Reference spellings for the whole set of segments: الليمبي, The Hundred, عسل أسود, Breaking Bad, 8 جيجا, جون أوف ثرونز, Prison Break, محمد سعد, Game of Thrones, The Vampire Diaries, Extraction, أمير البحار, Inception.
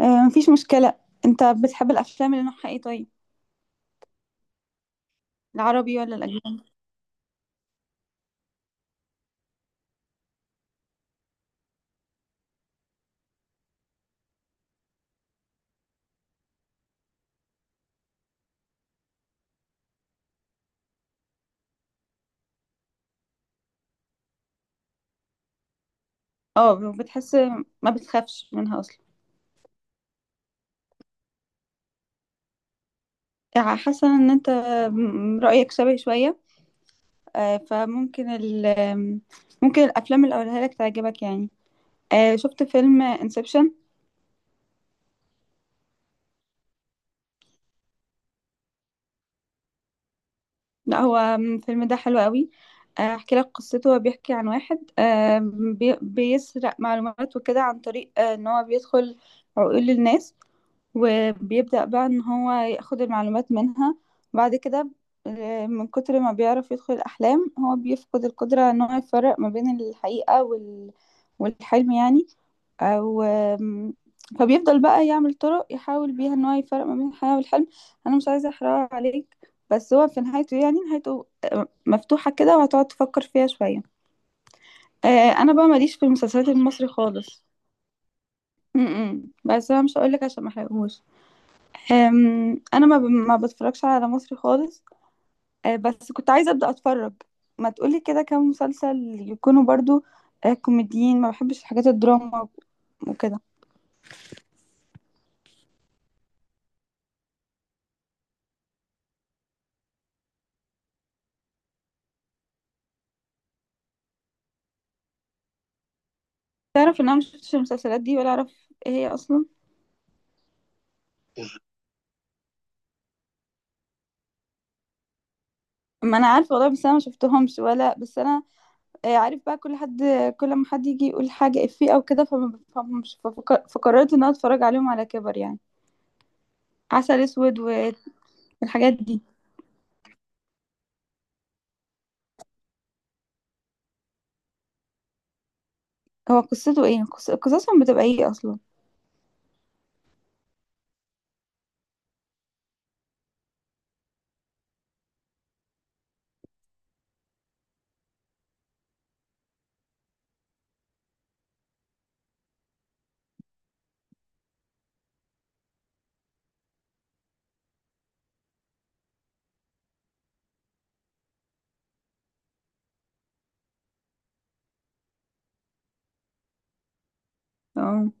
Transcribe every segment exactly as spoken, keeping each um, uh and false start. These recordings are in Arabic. آه، مفيش مشكلة. انت بتحب الافلام اللي نوعها ايه طيب؟ العربي ولا الاجنبي؟ اه بتحس، ما بتخافش منها اصلا. يعني حاسة ان انت م- رأيك شبه شوية. آه، فممكن ال ممكن الافلام اللي اقولها لك تعجبك يعني. آه، شفت فيلم انسبشن؟ لا، هو الفيلم ده حلو قوي. آه، احكي لك قصته. هو بيحكي عن واحد آه، بي- بيسرق معلومات وكده، عن طريق آه، ان هو بيدخل عقول الناس، وبيبدأ بقى ان هو ياخد المعلومات منها. بعد كده آه، من كتر ما بيعرف يدخل الأحلام، هو بيفقد القدرة ان هو يفرق ما بين الحقيقة وال... والحلم يعني، او آم، فبيفضل بقى يعمل طرق يحاول بيها ان هو يفرق ما بين الحياة والحلم. انا مش عايزة احرق عليك، بس هو في نهايته، يعني نهايته آه، مفتوحة كده وهتقعد تفكر فيها شوية. آه، انا بقى ماليش في المسلسلات المصري خالص. م -م. بس انا مش هقولك عشان ما احرقهوش. أم، انا ما ب- ما بتفرجش على مصري خالص. أه، بس كنت عايزه ابدا اتفرج. ما تقولي كده كام مسلسل يكونوا برضو أه، كوميديين، ما بحبش الحاجات الدراما وكده. تعرف ان انا مش شفتش المسلسلات دي ولا اعرف ايه هي اصلا؟ ما انا عارفه والله، بس انا ما شفتهمش ولا بس انا آه، عارف بقى كل حد، كل ما حد يجي يقول حاجه افيه او كده فما بفهمش ففك- فقررت ان انا اتفرج عليهم على كبر يعني. عسل اسود والحاجات دي، هو قصته ايه؟ قص- قصصهم بتبقى ايه اصلا؟ اه،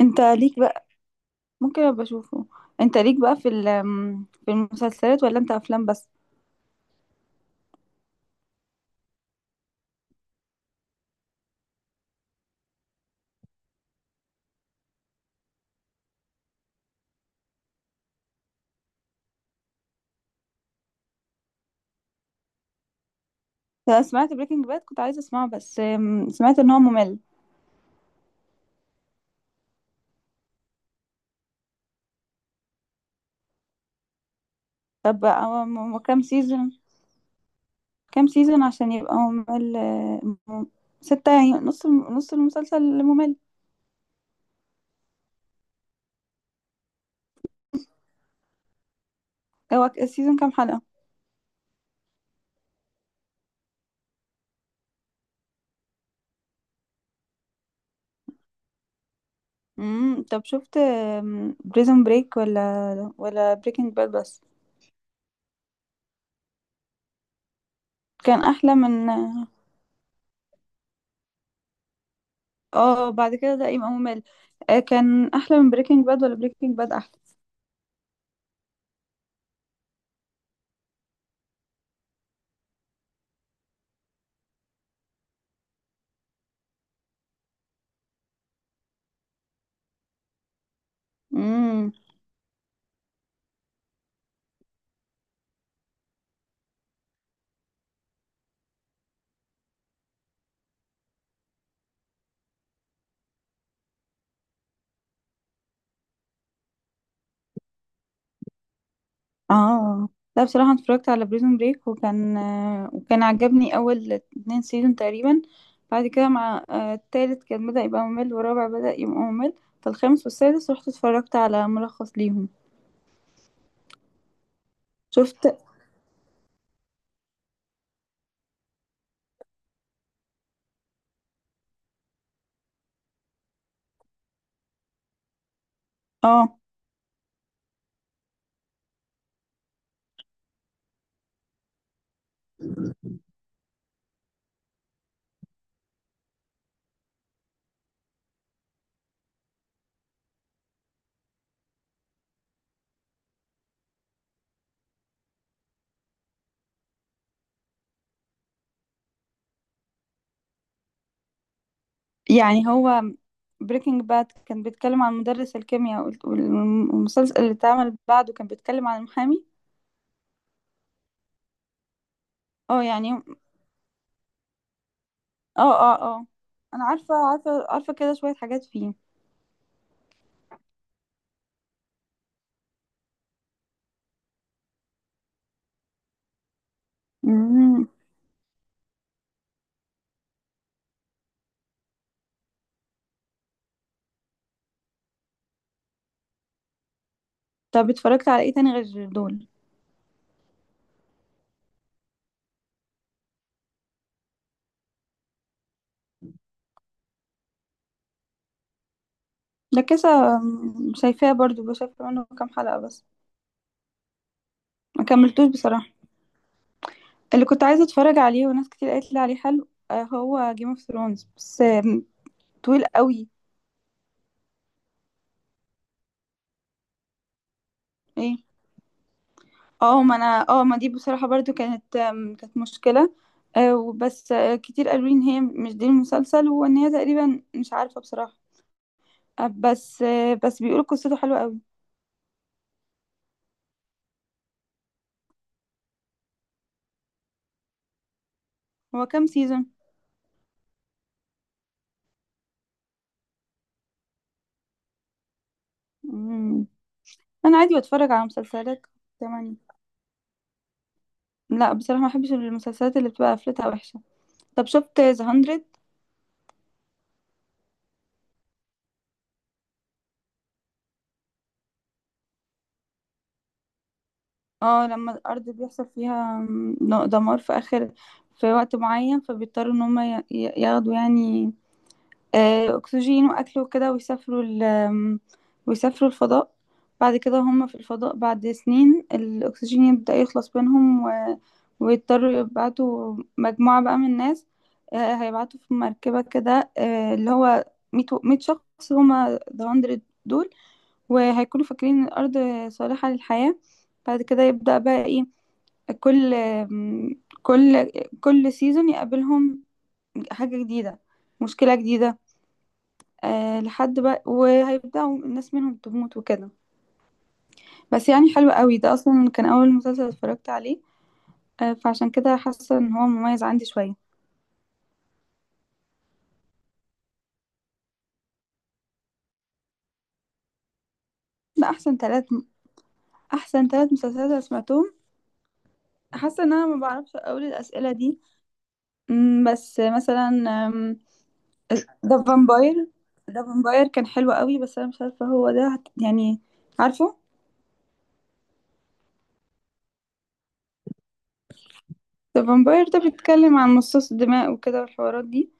انت ليك ممكن ابقى اشوفه. انت ليك بقى في ال- في المسلسلات ولا انت افلام بس؟ انا سمعت بريكنج باد، كنت عايزه اسمعه، بس أم، سمعت ان هو ممل. طب هو م- هو كام سيزون؟ كام سيزون عشان يبقى ممل؟ أم، ستة يعني، نص الم- نص المسلسل ممل. هو ك- السيزون كام حلقة؟ امم، طب شفت بريزون بريك ولا ولا بريكنج باد بس؟ كان احلى من اه آه، بعد كده ده يبقى ممل. آه، كان احلى من بريكنج باد ولا بريكنج باد احلى؟ امم، اه. لا بصراحة، أنا اتفرجت على بريزون بريك وكان آه، وكان عجبني أول اتنين سيزون تقريبا. بعد كده مع آه، التالت كان بدأ يبقى ممل، والرابع بدأ يبقى ممل. فالخامس والسادس رحت اتفرجت على ملخص ليهم. شفت. اه يعني هو بريكنج باد كان بيتكلم عن مدرس الكيمياء وال- وال- والمسلسل اللي اتعمل بعده كان بيتكلم عن المحامي. اه يعني، اه اه اه. أنا عارفة عارفة عارفة كده شوية حاجات فيه. مم. طب اتفرجت على ايه تاني غير دول؟ ده كذا م- شايفاه برضو، بشوف منه كام حلقة بس، ما كملتوش بصراحة. اللي كنت عايزة اتفرج عليه وناس كتير قالت لي عليه حلو آه، هو جيم اوف ثرونز، بس آم، طويل قوي. ايه؟ اه، ما انا اه ما دي بصراحة برضو كانت آم، كانت مشكلة. آه، وبس آه، كتير قالوا لي ان هي مش دي المسلسل، وان هي تقريبا مش عارفة بصراحة. آه، بس آه، بس بيقولوا قصته حلوة قوي. هو كام سيزون؟ مم. انا عادي بتفرج على مسلسلات كمان. لا بصراحة، ما بحبش المسلسلات اللي بتبقى قفلتها وحشة. طب شفت ذا هندرد؟ اه لما الارض بيحصل فيها م- دمار في اخر، في وقت معين، فبيضطروا ان هم ي- ي- ياخدوا يعني آه، اكسجين واكل وكده، ويسافروا ال آم، ويسافروا الفضاء. بعد كده هم في الفضاء بعد سنين الاكسجين يبدأ يخلص منهم و... ويضطروا يبعتوا مجموعة بقى من الناس. آه، هيبعتوا في مركبة كده آه، اللي هو مية و- مية شخص، هم ذا هندرد دول. وهيكونوا فاكرين ان الارض صالحة للحياة. بعد كده يبدأ بقى ايه، كل كل كل سيزون يقابلهم حاجة جديدة، مشكلة جديدة. أه لحد بقى وهيبدأوا الناس منهم تموت وكده. بس يعني حلو قوي، ده اصلا كان اول مسلسل اتفرجت عليه، أه فعشان كده حاسة ان هو مميز عندي شوية. ده احسن ثلاث، احسن ثلاث مسلسلات أنا سمعتهم. حاسة ان انا ما بعرفش اقول الاسئلة دي. أمم، بس مثلا ده فامباير. ده فامباير كان حلو قوي، بس انا مش عارفه هو ده هت- يعني عارفه؟ ده فامباير ده بيتكلم عن مصاص الدماء وكده والحوارات دي.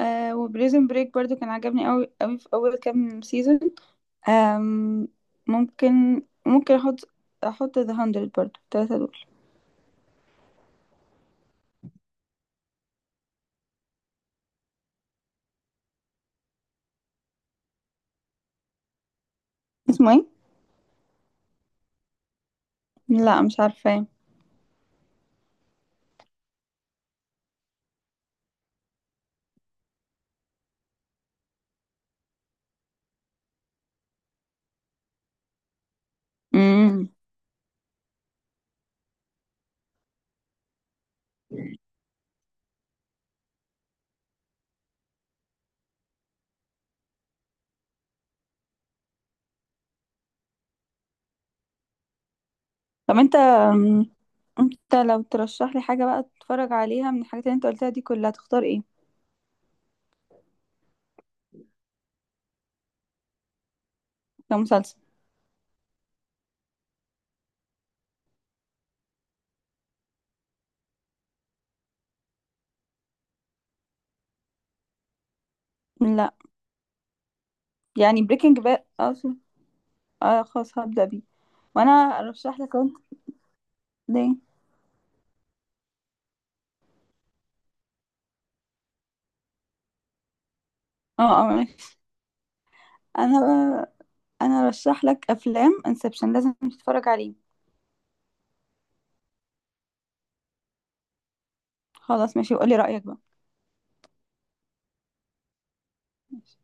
آه، وبريزن بريك برضو كان عجبني قوي قوي في اول كام سيزون. آم ممكن ممكن احط، احط ذا هاندرد برضو التلاتة دول. اسمه ايه؟ لا مش عارفه. امم، طب انت أم، انت لو ترشح لي حاجه بقى اتفرج عليها من الحاجات اللي انت قلتها دي كلها، تختار ايه؟ كمسلسل؟ لا، يعني بريكنج باد اه. اه خلاص هبدأ بيه. وانا ارشح لك انت. ليه؟ اه اه ماشي. انا بقى، انا ارشح لك افلام انسبشن، لازم تتفرج عليه. خلاص ماشي، وقولي رأيك بقى. ماشي.